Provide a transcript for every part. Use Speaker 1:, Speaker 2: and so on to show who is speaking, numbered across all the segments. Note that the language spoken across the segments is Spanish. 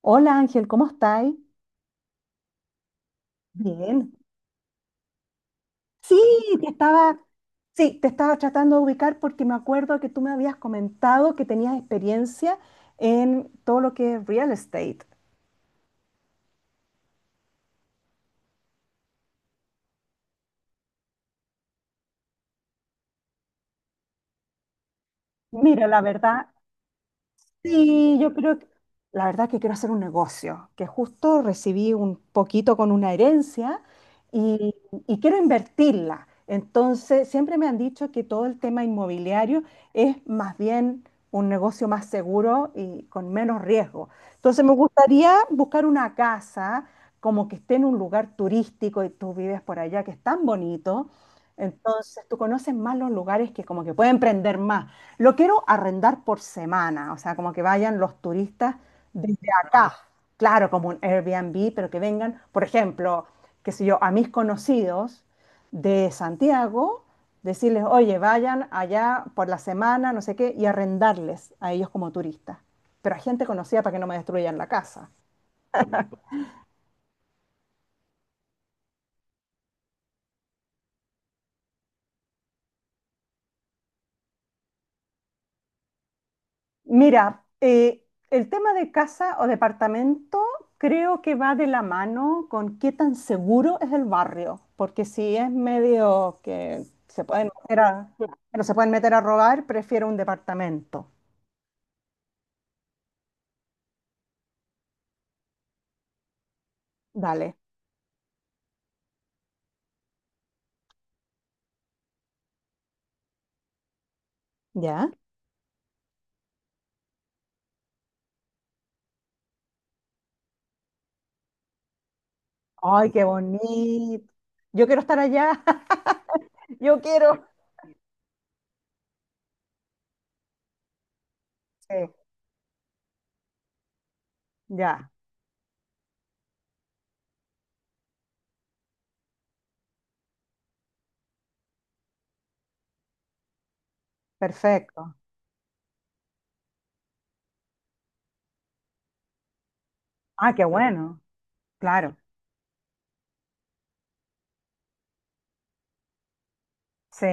Speaker 1: Hola Ángel, ¿cómo estáis? Bien. Sí, te estaba, sí, te estaba tratando de ubicar porque me acuerdo que tú me habías comentado que tenías experiencia en todo lo que es real estate. Mira, la verdad, Sí, yo creo que La verdad que quiero hacer un negocio, que justo recibí un poquito con una herencia y, y quiero invertirla. Entonces, siempre me han dicho que todo el tema inmobiliario es más bien un negocio más seguro y con menos riesgo. Entonces, me gustaría buscar una casa como que esté en un lugar turístico, y tú vives por allá, que es tan bonito. Entonces, tú conoces más los lugares que como que pueden prender más. Lo quiero arrendar por semana, o sea, como que vayan los turistas desde acá. Claro, como un Airbnb, pero que vengan, por ejemplo, qué sé yo, a mis conocidos de Santiago, decirles, oye, vayan allá por la semana, no sé qué, y arrendarles a ellos como turistas. Pero a gente conocida para que no me destruyan la casa. Mira, el tema de casa o departamento creo que va de la mano con qué tan seguro es el barrio, porque si es medio que se pueden meter a, no se pueden meter a robar, prefiero un departamento. Dale, ¿ya? Ay, qué bonito. Yo quiero estar allá, yo quiero. Sí, ya, perfecto. Ah, qué bueno, claro. Sí,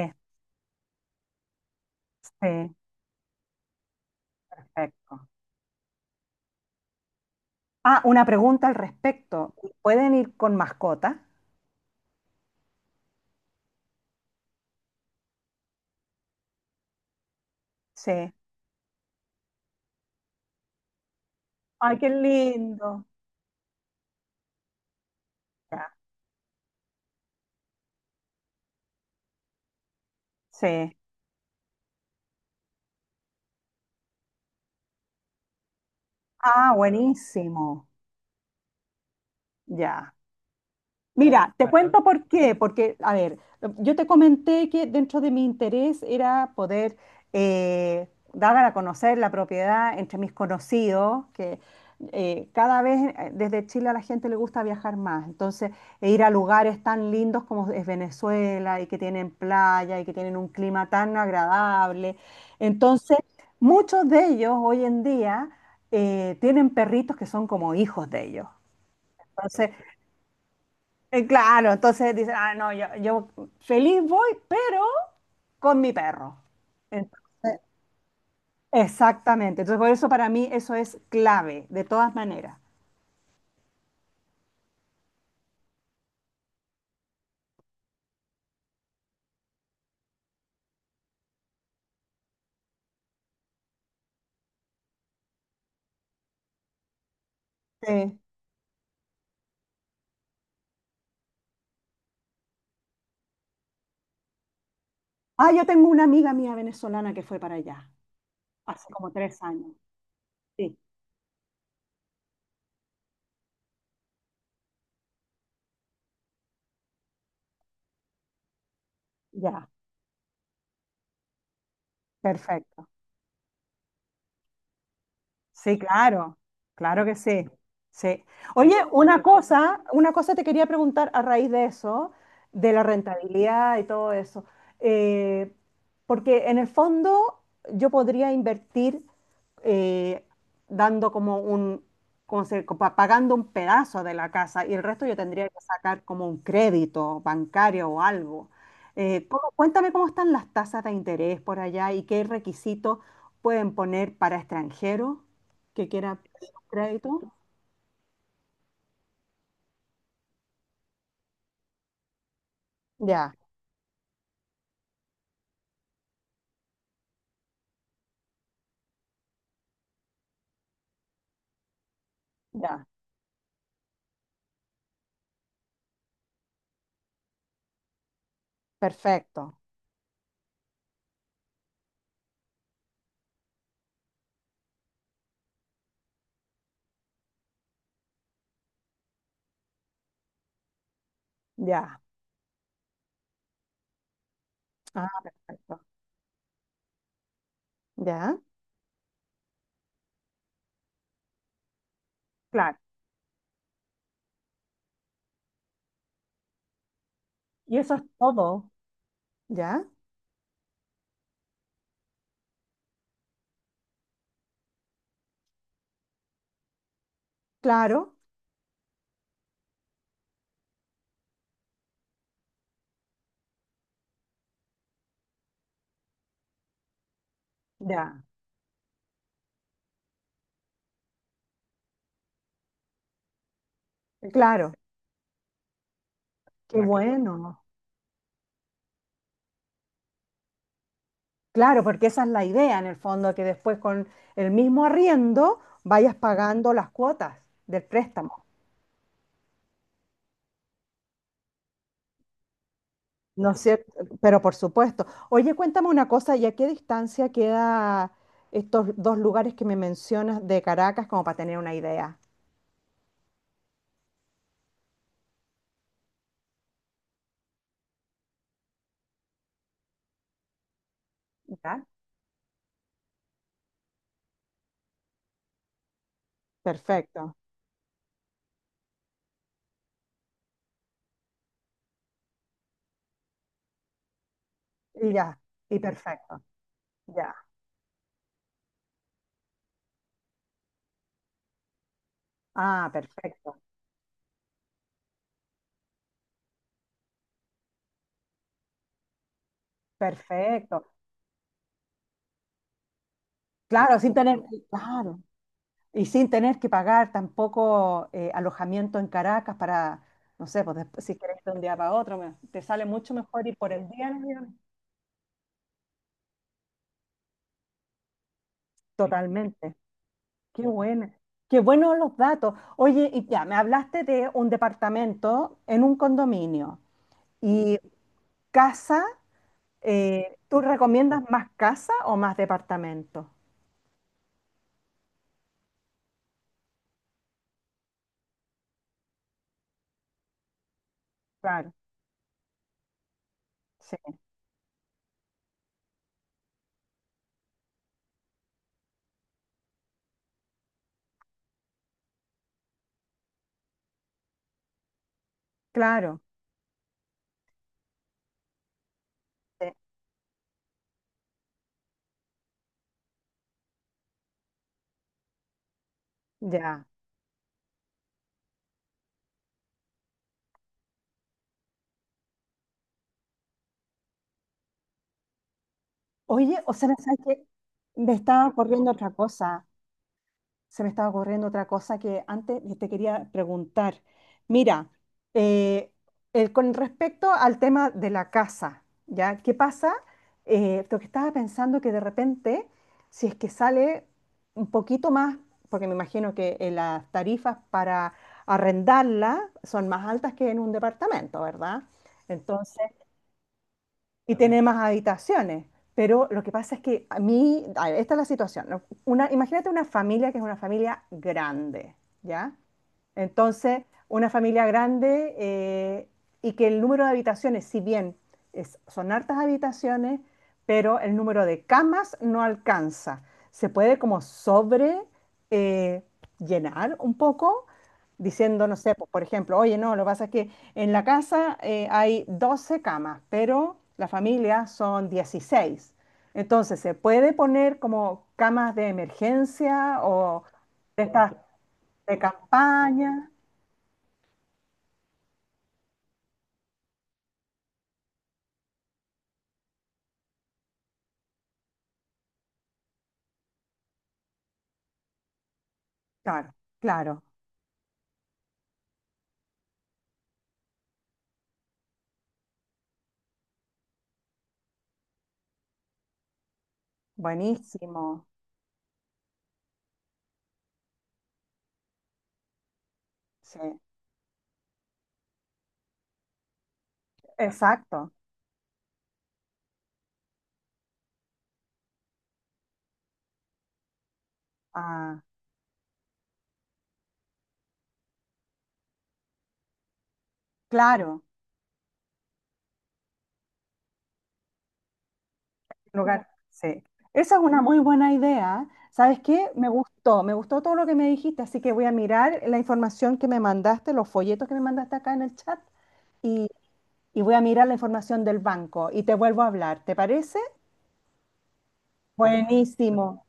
Speaker 1: sí, perfecto. Ah, una pregunta al respecto. ¿Pueden ir con mascotas? Sí. Ay, qué lindo. Ya. Sí. Ah, buenísimo. Ya. Mira, te cuento por qué, porque, a ver, yo te comenté que dentro de mi interés era poder dar a conocer la propiedad entre mis conocidos, que cada vez desde Chile a la gente le gusta viajar más, entonces e ir a lugares tan lindos como es Venezuela y que tienen playa y que tienen un clima tan agradable. Entonces, muchos de ellos hoy en día tienen perritos que son como hijos de ellos. Entonces, Claro, entonces dicen, ah, no, yo feliz voy, pero con mi perro. Entonces, exactamente. Entonces, por eso para mí eso es clave, de todas maneras. Sí. Ah, yo tengo una amiga mía venezolana que fue para allá, hace como 3 años. Sí, ya, perfecto. Sí, claro, claro que sí. Sí. Oye, una cosa te quería preguntar a raíz de eso, de la rentabilidad y todo eso. Eh, Porque en el fondo yo podría invertir eh, dando como un, como se- co- pa- pagando un pedazo de la casa y el resto yo tendría que sacar como un crédito bancario o algo. ¿ Cuéntame cómo están las tasas de interés por allá y qué requisitos pueden poner para extranjeros que quiera pedir un crédito. Ya, ya, perfecto. Ya, ah, perfecto. Ya, claro. Y eso es todo. Ya, claro, ya, claro, qué ah, bueno. Claro, porque esa es la idea en el fondo, que después con el mismo arriendo vayas pagando las cuotas del préstamo, ¿no es cierto? Pero por supuesto. Oye, cuéntame una cosa, ¿y a qué distancia queda estos dos lugares que me mencionas de Caracas, como para tener una idea? Ya. Perfecto. Y ya, y perfecto, ya. Ah, perfecto, perfecto. Claro, claro, y sin tener que pagar tampoco alojamiento en Caracas para, no sé, pues después, si querés de un día para otro, te sale mucho mejor ir por el día en avión. Totalmente, qué bueno, qué buenos los datos. Oye, y ya, me hablaste de un departamento en un condominio y casa, ¿tú recomiendas más casa o más departamento? Claro, sí. Claro, sí. Ya. Oye, o sea, ¿sabes qué? Me estaba ocurriendo otra cosa. Se me estaba ocurriendo otra cosa que antes te quería preguntar. Mira, eh, con respecto al tema de la casa, ¿ya? ¿Qué pasa? Lo que estaba pensando que de repente, si es que sale un poquito más, porque me imagino que las tarifas para arrendarla son más altas que en un departamento, ¿verdad? Entonces, y tiene más habitaciones. Pero lo que pasa es que a mí, a ver, esta es la situación, ¿no? Una, imagínate una familia que es una familia grande, ¿ya? Entonces, una familia grande, y que el número de habitaciones, si bien son hartas habitaciones, pero el número de camas no alcanza. Se puede como sobre eh, llenar un poco, diciendo, no sé, por ejemplo, oye, no, lo que pasa es que en la casa hay 12 camas, pero la familia son 16. Entonces, se puede poner como camas de emergencia o de estas de campaña. Claro, claro. Buenísimo. Sí, exacto. Ah, claro. Lugar. Sí. Esa es una muy buena idea. ¿Sabes qué? Me gustó todo lo que me dijiste, así que voy a mirar la información que me mandaste, los folletos que me mandaste acá en el chat. Y voy a mirar la información del banco y te vuelvo a hablar. ¿Te parece? Buenísimo.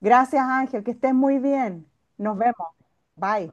Speaker 1: Gracias, Ángel. Que estés muy bien. Nos vemos. Bye.